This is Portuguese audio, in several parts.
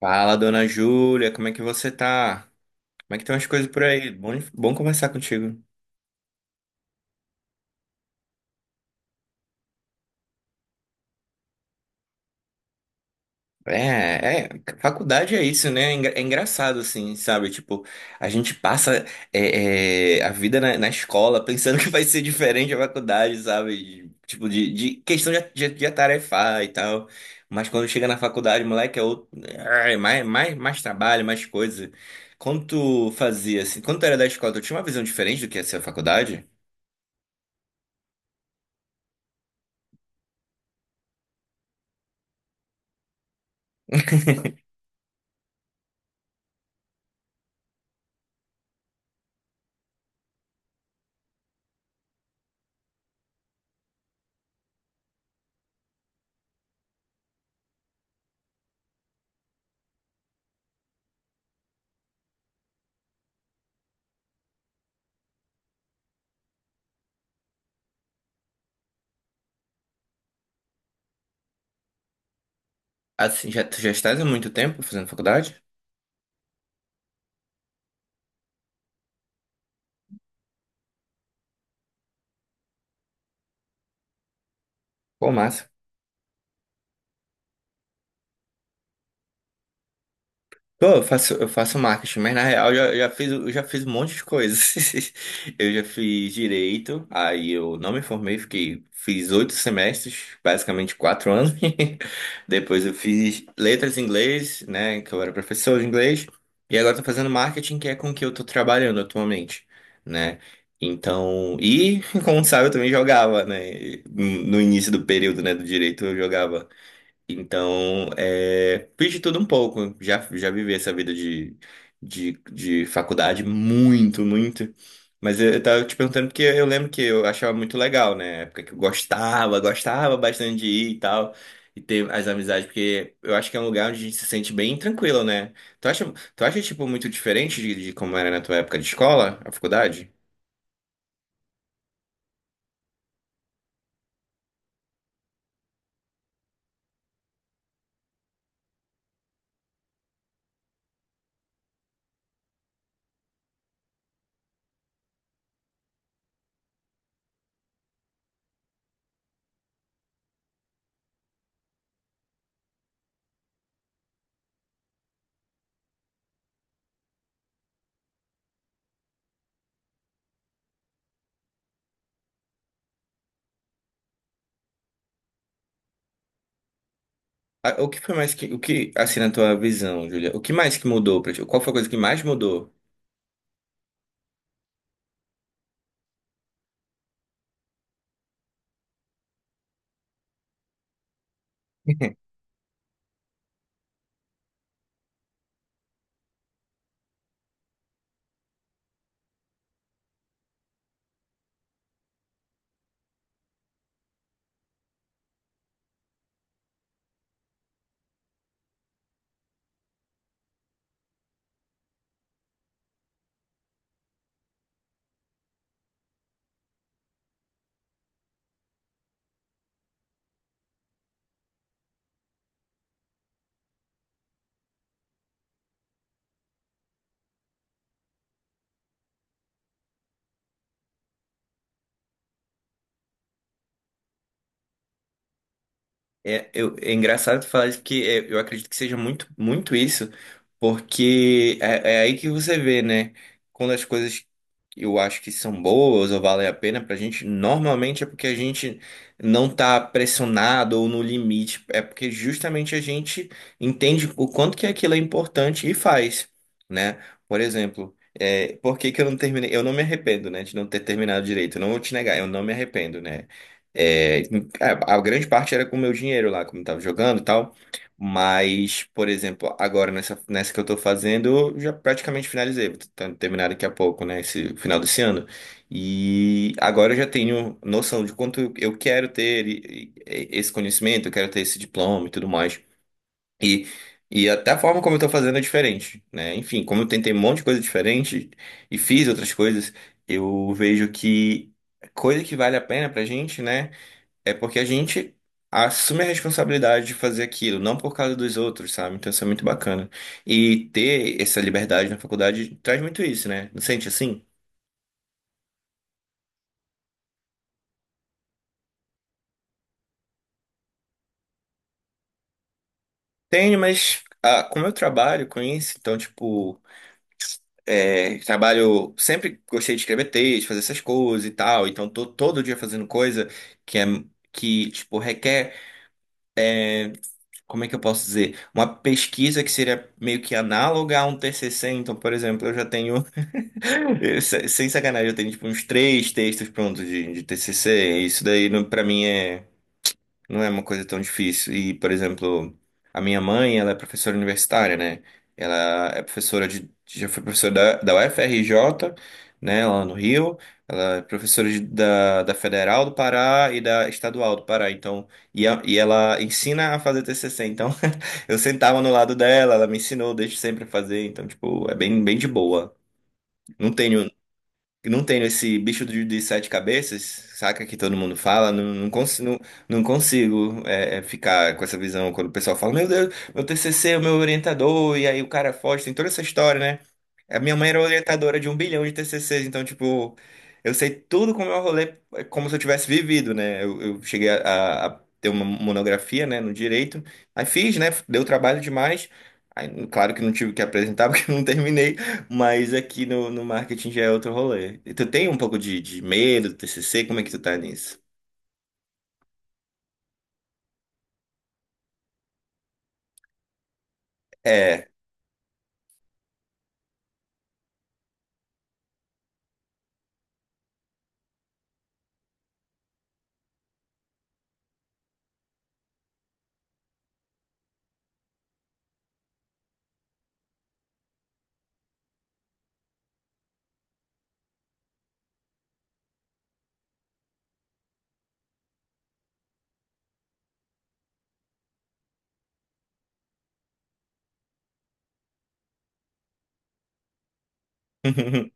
Fala, dona Júlia, como é que você tá? Como é que estão as coisas por aí? Bom, bom conversar contigo. É, é, faculdade é isso, né? É engraçado, assim, sabe? Tipo, a gente passa a vida na escola pensando que vai ser diferente a faculdade, sabe? Tipo, de questão de atarefar e tal. Mas quando chega na faculdade, moleque, é outro. É, mais trabalho, mais coisa. Quando tu fazia, assim, quando tu era da escola, tu tinha uma visão diferente do que ia ser a faculdade? Assim, já, tu já estás há muito tempo fazendo faculdade? Pô, massa. Pô, eu faço marketing, mas na real eu já fiz um monte de coisas. Eu já fiz direito, aí eu não me formei, fiquei, fiz 8 semestres, basicamente 4 anos. Depois eu fiz letras em inglês, né, que eu era professor de inglês. E agora eu tô fazendo marketing, que é com o que eu tô trabalhando atualmente, né? Então, e como sabe, eu também jogava, né? No início do período, né, do direito, eu jogava. Então, é, fiz de tudo um pouco. Já vivi essa vida de, de faculdade muito, muito. Mas eu tava te perguntando porque eu lembro que eu achava muito legal, né? Época que gostava bastante de ir e tal. E ter as amizades, porque eu acho que é um lugar onde a gente se sente bem tranquilo, né? Tu acha, tu acha tipo, muito diferente de como era na tua época de escola, a faculdade? Ah, o que foi mais o que, assim, na tua visão, Julia? O que mais que mudou pra ti? Qual foi a coisa que mais mudou? É engraçado falar isso porque é, eu acredito que seja muito isso, porque é aí que você vê, né? Quando as coisas eu acho que são boas ou valem a pena pra gente, normalmente é porque a gente não tá pressionado ou no limite, é porque justamente a gente entende o quanto que aquilo é importante e faz, né? Por exemplo, é, por que que eu não terminei? Eu não me arrependo, né, de não ter terminado direito, eu não vou te negar, eu não me arrependo, né? É, a grande parte era com o meu dinheiro lá, como eu tava jogando e tal. Mas, por exemplo, agora nessa que eu tô fazendo, eu já praticamente finalizei. Vou tentar terminar daqui a pouco, né? Esse final desse ano. E agora eu já tenho noção de quanto eu quero ter esse conhecimento, eu quero ter esse diploma e tudo mais. E, e até a forma como eu tô fazendo é diferente, né? Enfim, como eu tentei um monte de coisa diferente e fiz outras coisas, eu vejo que coisa que vale a pena pra gente, né? É porque a gente assume a responsabilidade de fazer aquilo, não por causa dos outros, sabe? Então isso é muito bacana. E ter essa liberdade na faculdade traz muito isso, né? Não sente assim? Tenho, mas ah, como eu trabalho com isso, então, tipo, é, trabalho. Sempre gostei de escrever texto, fazer essas coisas e tal, então tô todo dia fazendo coisa que é. Que, tipo, requer, como é que eu posso dizer? Uma pesquisa que seria meio que análoga a um t TCC. Então, por exemplo, eu já tenho. Eu, sem sacanagem, eu tenho tipo uns 3 textos prontos de TCC. E isso daí não, para mim não é uma coisa tão difícil. E, por exemplo, a minha mãe, ela é professora universitária, né? Ela é professora de já foi professora da, da UFRJ, né, lá no Rio. Ela é professora de- da, da Federal do Pará e da Estadual do Pará. Então, e, e ela ensina a fazer TCC. Então, eu sentava no lado dela, ela me ensinou desde sempre a fazer. Então, tipo, é bem, bem de boa. Não tenho não tenho esse bicho de sete cabeças, saca que todo mundo fala, não consigo é, ficar com essa visão quando o pessoal fala, meu Deus, meu TCC, é o meu orientador, e aí o cara foge, tem toda essa história, né? A minha mãe era orientadora de um bilhão de TCCs, então, tipo, eu sei tudo como é o rolê, é como se eu tivesse vivido, né? Eu cheguei a ter uma monografia, né, no direito, aí fiz, né? Deu trabalho demais. Aí, claro que não tive que apresentar porque eu não terminei, mas aqui no, no marketing já é outro rolê. E tu tem um pouco de medo do TCC? Como é que tu tá nisso? É.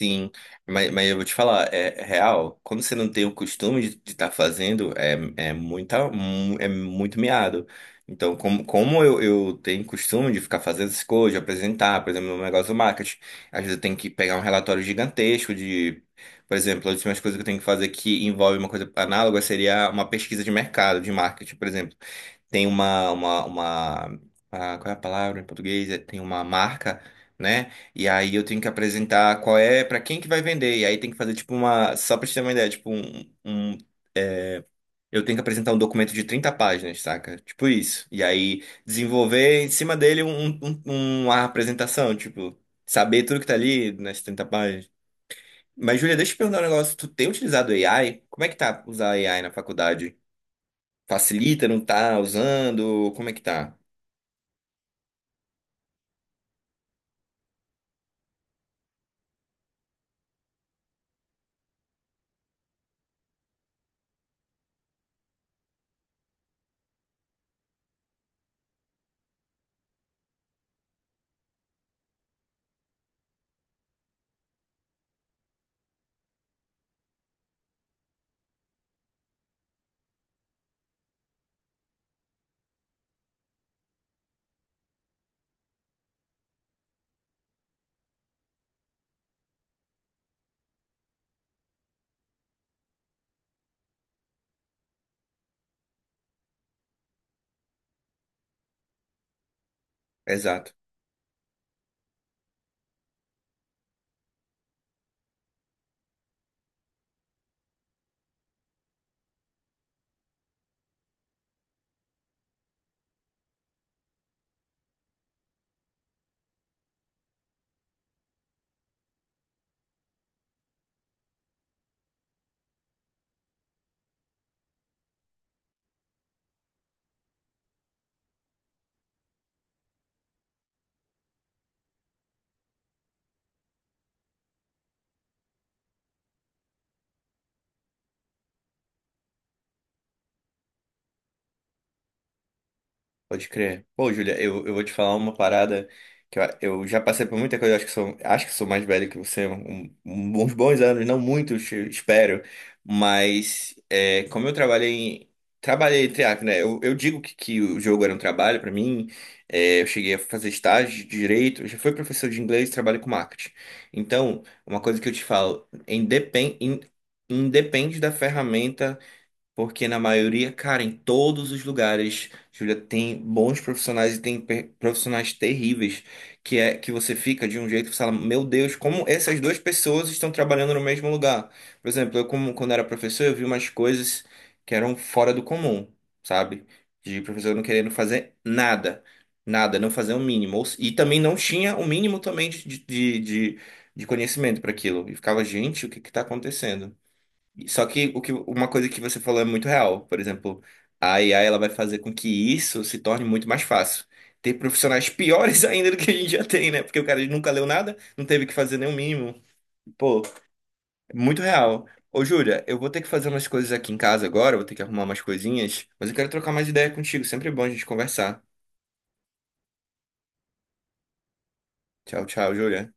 Sim, mas eu vou te falar, é é real, quando você não tem o costume de estar fazendo, é muito miado. Então, como eu tenho costume de ficar fazendo essas coisas, de apresentar, por exemplo, meu negócio do marketing, às vezes eu tenho que pegar um relatório gigantesco de, por exemplo, as últimas coisas que eu tenho que fazer que envolve uma coisa análoga seria uma pesquisa de mercado, de marketing, por exemplo tem uma, ah, qual é a palavra em português? É, tem uma marca, né? E aí eu tenho que apresentar qual é, para quem que vai vender. E aí tem que fazer tipo uma, só pra te ter uma ideia, eu tenho que apresentar um documento de 30 páginas, saca? Tipo isso. E aí desenvolver em cima dele um, um- um, uma apresentação, tipo, saber tudo que tá ali nas 30 páginas. Mas, Júlia, deixa eu te perguntar um negócio. Tu tem utilizado AI? Como é que tá usar AI na faculdade? Facilita, não tá usando? Como é que tá? Exato. Pode crer. Pô, Júlia, eu vou te falar uma parada que eu já passei por muita coisa, acho que sou mais velho que você, uns bons anos, não muitos, eu espero, mas é, como eu trabalhei, trabalhei entre aspas, né? Eu digo que o jogo era um trabalho para mim, é, eu cheguei a fazer estágio de direito, eu já fui professor de inglês, trabalho com marketing. Então, uma coisa que eu te falo, independe da ferramenta porque na maioria, cara, em todos os lugares, Júlia, tem bons profissionais e tem profissionais terríveis, que é que você fica de um jeito que você fala, meu Deus, como essas duas pessoas estão trabalhando no mesmo lugar. Por exemplo, eu como quando era professor, eu vi umas coisas que eram fora do comum, sabe? De professor não querendo fazer nada, nada, não fazer o mínimo. Ou se- E também não tinha o mínimo também de conhecimento para aquilo. E ficava, gente, o que que tá acontecendo? Só que, o que uma coisa que você falou é muito real. Por exemplo, a IA ela vai fazer com que isso se torne muito mais fácil. Ter profissionais piores ainda do que a gente já tem, né? Porque o cara nunca leu nada, não teve que fazer nenhum mínimo. Pô, é muito real. Ô, Júlia, eu vou ter que fazer umas coisas aqui em casa agora, vou ter que arrumar umas coisinhas, mas eu quero trocar mais ideia contigo. Sempre é bom a gente conversar. Tchau, tchau, Júlia.